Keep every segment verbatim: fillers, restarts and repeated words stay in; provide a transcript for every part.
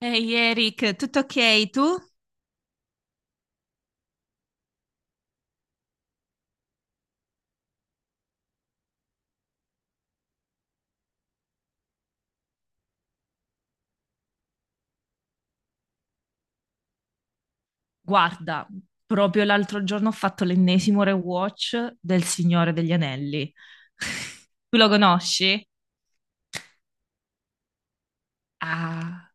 Ehi Eric, tutto ok tu? Guarda, proprio l'altro giorno ho fatto l'ennesimo rewatch del Signore degli Anelli. Tu lo conosci? Ah,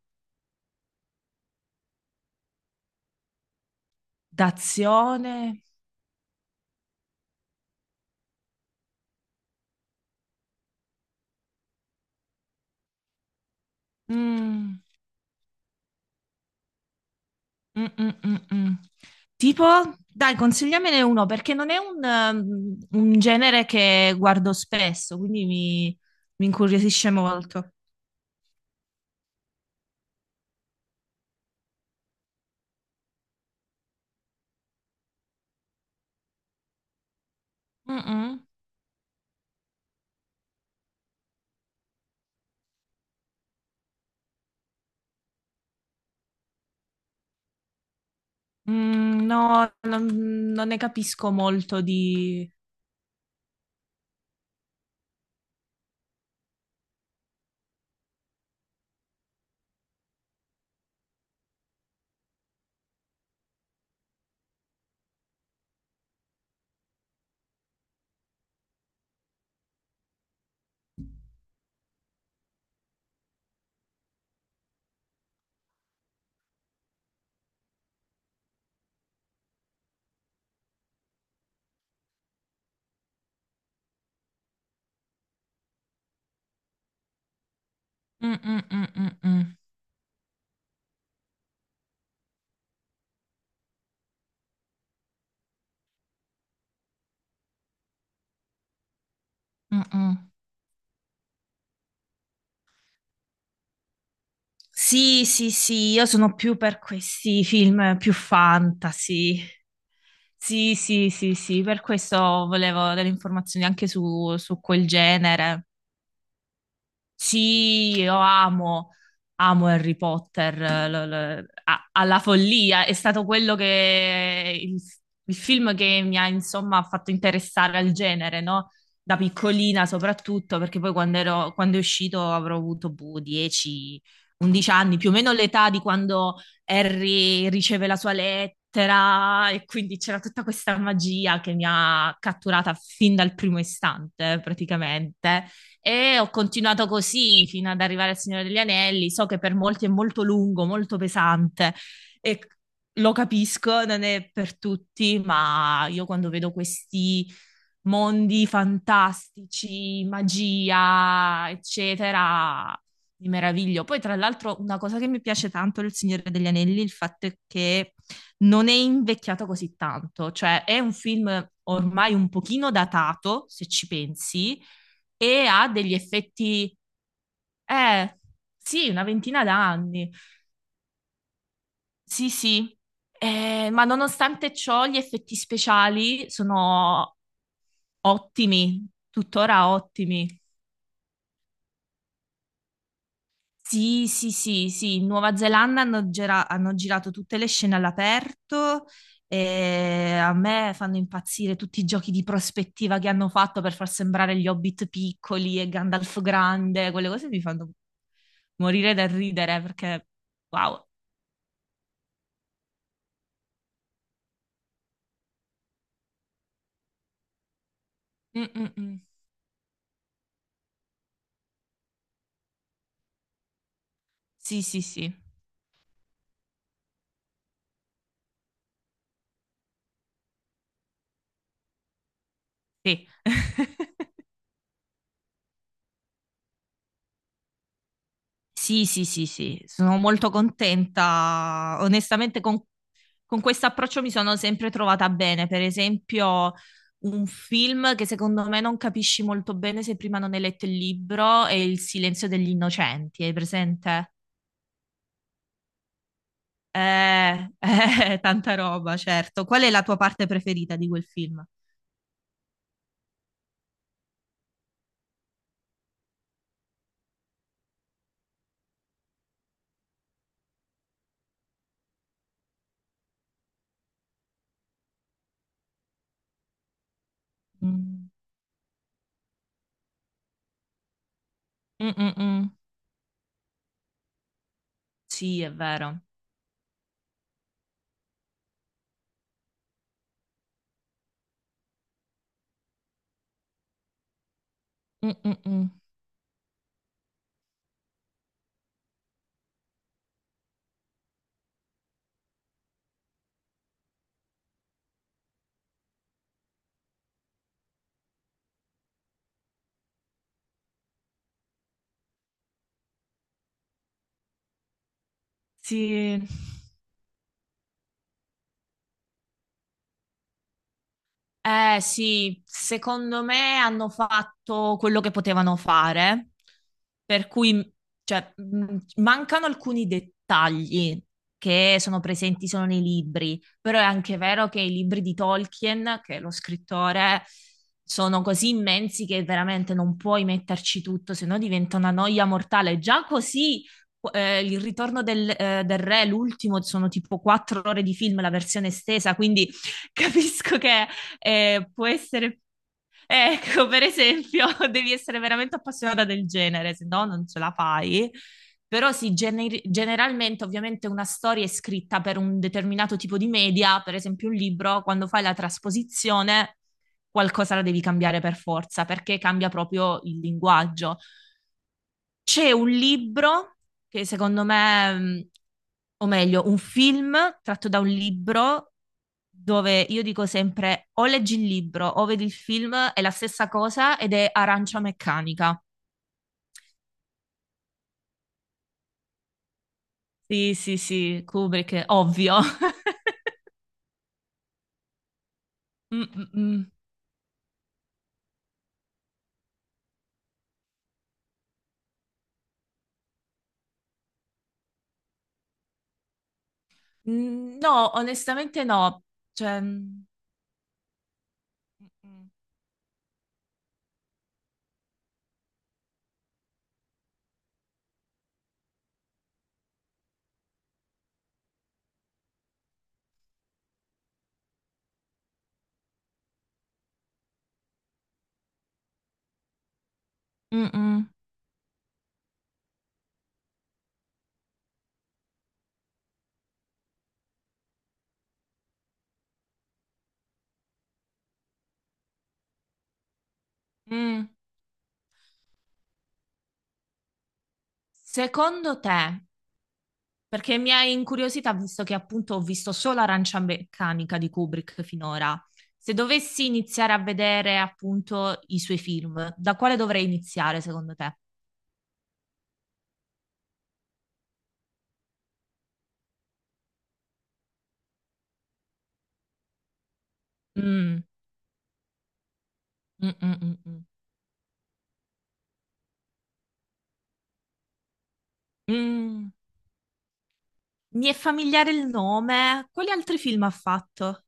d'azione. Mm, mm, mm, mm, mm. Tipo, dai, consigliamene uno perché non è un, um, un genere che guardo spesso, quindi mi, mi incuriosisce molto. Mm, mm. Mm, no, non non ne capisco molto di... Mm, mm, mm, mm, mm, mm, mm. Sì, sì, sì, io sono più per questi film più fantasy. Sì, sì, sì, sì, per questo volevo delle informazioni anche su, su quel genere. Sì, io amo, amo Harry Potter eh, lo- lo- a- alla follia. È stato quello che il, il film che mi ha insomma fatto interessare al genere, no? Da piccolina soprattutto, perché poi quando ero- quando è uscito avrò avuto boh, dieci, undici anni, più o meno l'età di quando Harry riceve la sua lettera, e quindi c'era tutta questa magia che mi ha catturata fin dal primo istante, praticamente. E ho continuato così fino ad arrivare al Signore degli Anelli. So che per molti è molto lungo, molto pesante, e lo capisco, non è per tutti, ma io quando vedo questi mondi fantastici, magia, eccetera, mi meraviglio. Poi, tra l'altro, una cosa che mi piace tanto del Signore degli Anelli è il fatto è che non è invecchiato così tanto, cioè è un film ormai un pochino datato, se ci pensi, e ha degli effetti, eh sì, una ventina d'anni. Sì, sì. Eh, ma nonostante ciò, gli effetti speciali sono ottimi, tuttora ottimi. Sì, sì, sì, sì. In Nuova Zelanda hanno, gira- hanno girato tutte le scene all'aperto, e a me fanno impazzire tutti i giochi di prospettiva che hanno fatto per far sembrare gli Hobbit piccoli e Gandalf grande. Quelle cose mi fanno morire dal ridere perché, wow. Mm, mm, mm. Sì, sì, sì. Sì. Sì, sì, sì, sì, sono molto contenta. Onestamente, con, con questo approccio mi sono sempre trovata bene. Per esempio, un film che secondo me non capisci molto bene se prima non hai letto il libro è Il silenzio degli innocenti. Hai presente? Eh, eh, tanta roba, certo. Qual è la tua parte preferita di quel film? Mm. Mm, mm, mm. Sì, è vero. Mm, mm, mm. Sì. Eh sì, secondo me hanno fatto quello che potevano fare, per cui, cioè, mh, mancano alcuni dettagli che sono presenti solo nei libri, però è anche vero che i libri di Tolkien, che è lo scrittore, sono così immensi che veramente non puoi metterci tutto, se no diventa una noia mortale. Già così, eh, il ritorno del, eh, del re, l'ultimo, sono tipo quattro ore di film, la versione estesa, quindi... Capisco che eh, può essere, ecco, per esempio, devi essere veramente appassionata del genere, se no non ce la fai. Però sì, gener- generalmente ovviamente una storia è scritta per un determinato tipo di media, per esempio un libro; quando fai la trasposizione qualcosa la devi cambiare per forza, perché cambia proprio il linguaggio. C'è un libro che secondo me, mh, o meglio, un film tratto da un libro dove io dico sempre o leggi il libro o vedi il film, è la stessa cosa, ed è Arancia Meccanica. Sì, sì, sì, Kubrick, ovvio. Mm, mm, mm. Mm, no, onestamente no. Cioè, mm, mm, mm, mm. Secondo te. Perché mi ha incuriosita, visto che appunto ho visto solo Arancia Meccanica di Kubrick finora. Se dovessi iniziare a vedere appunto i suoi film, da quale dovrei iniziare secondo te? Mm, mm, mm, mm, mm. Mm, mi è familiare il nome. Quali altri film ha fatto?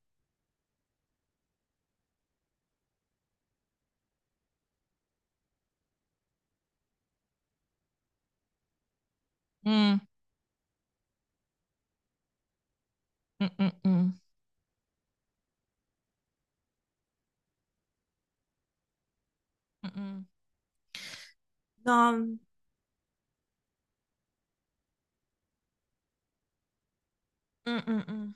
Mm, mm, mm, mm, mm, mm. No. Mm, mm, mm.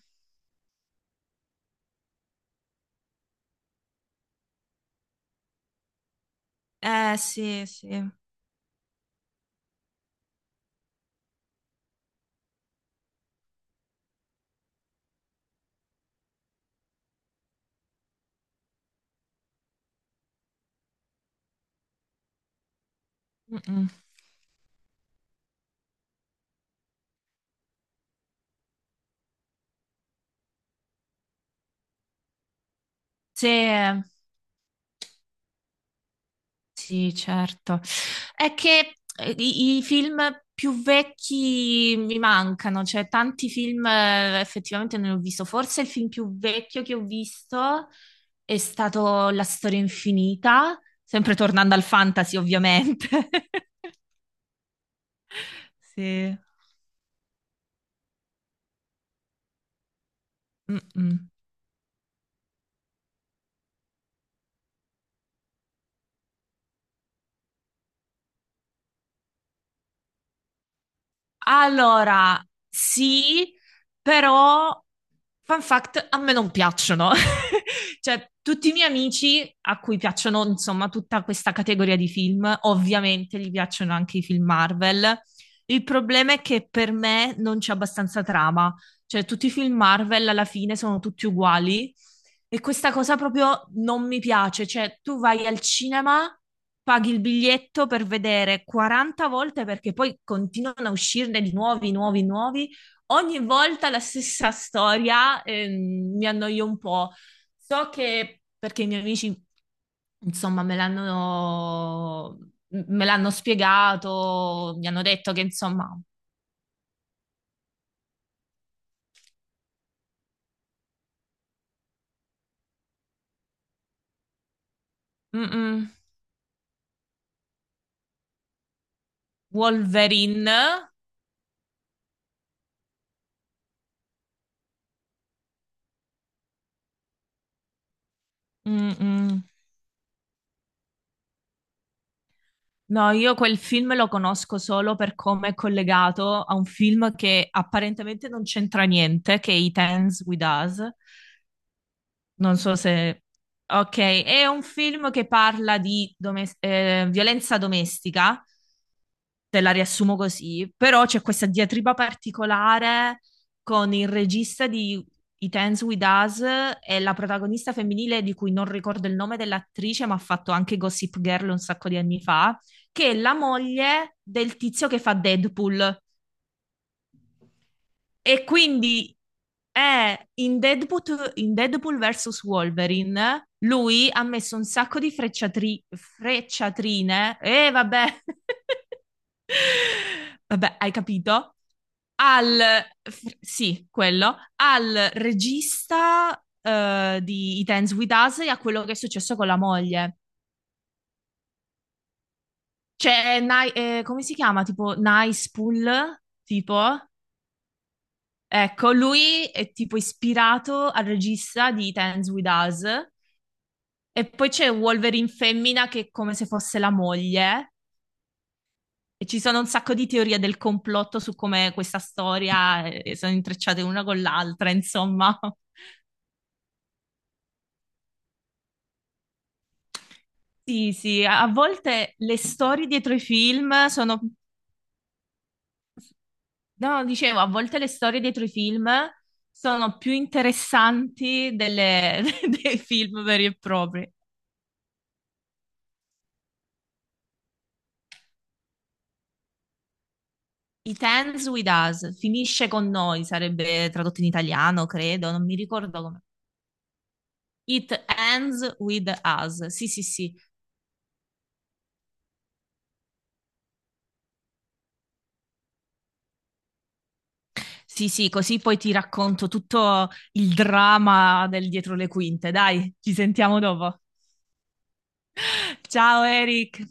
Eh sì, sì. Mm, mm. Sì. Sì, certo. È che eh, i, i film più vecchi mi mancano, cioè tanti film eh, effettivamente non li ho visto. Forse il film più vecchio che ho visto è stato La storia infinita, sempre tornando al fantasy, ovviamente. Sì. Mm-mm. Allora, sì, però, fun fact, a me non piacciono. Cioè, tutti i miei amici a cui piacciono, insomma, tutta questa categoria di film, ovviamente gli piacciono anche i film Marvel. Il problema è che per me non c'è abbastanza trama. Cioè, tutti i film Marvel alla fine sono tutti uguali, e questa cosa proprio non mi piace. Cioè, tu vai al cinema, paghi il biglietto per vedere quaranta volte, perché poi continuano a uscirne di nuovi, nuovi, nuovi. Ogni volta la stessa storia, ehm, mi annoio un po'. So che, perché i miei amici, insomma, me l'hanno, me l'hanno spiegato, mi hanno detto che, insomma, mm, mm, Wolverine. Mm-mm. No, io quel film lo conosco solo per come è collegato a un film che apparentemente non c'entra niente, che è It Ends With Us. Non so se... Ok, è un film che parla di domes- eh, violenza domestica, te la riassumo così, però c'è questa diatriba particolare con il regista di It Ends With Us e la protagonista femminile, di cui non ricordo il nome dell'attrice, ma ha fatto anche Gossip Girl un sacco di anni fa, che è la moglie del tizio che fa Deadpool. E quindi è in Deadpool, in Deadpool versus. Wolverine, lui ha messo un sacco di frecciatri- frecciatrine, e vabbè, vabbè, hai capito? Al, fr- sì, quello, al regista eh, di It Ends With Us, e a quello che è successo con la moglie. Cioè, Ni- eh, come si chiama? Tipo Nice Pool? Tipo? Ecco, lui è tipo ispirato al regista di Dance With Us, e poi c'è Wolverine femmina che è come se fosse la moglie, e ci sono un sacco di teorie del complotto su come questa storia, eh, eh, sono intrecciate una con l'altra, insomma. Sì, sì, a a volte le storie dietro i film sono, no, dicevo, a volte le storie dietro i film sono più interessanti delle- dei film veri e propri. It Ends With Us, finisce con noi, sarebbe tradotto in italiano, credo, non mi ricordo come. It Ends With Us. Sì, sì, sì. Sì, sì, così poi ti racconto tutto il dramma del dietro le quinte. Dai, ci sentiamo dopo. Ciao Eric.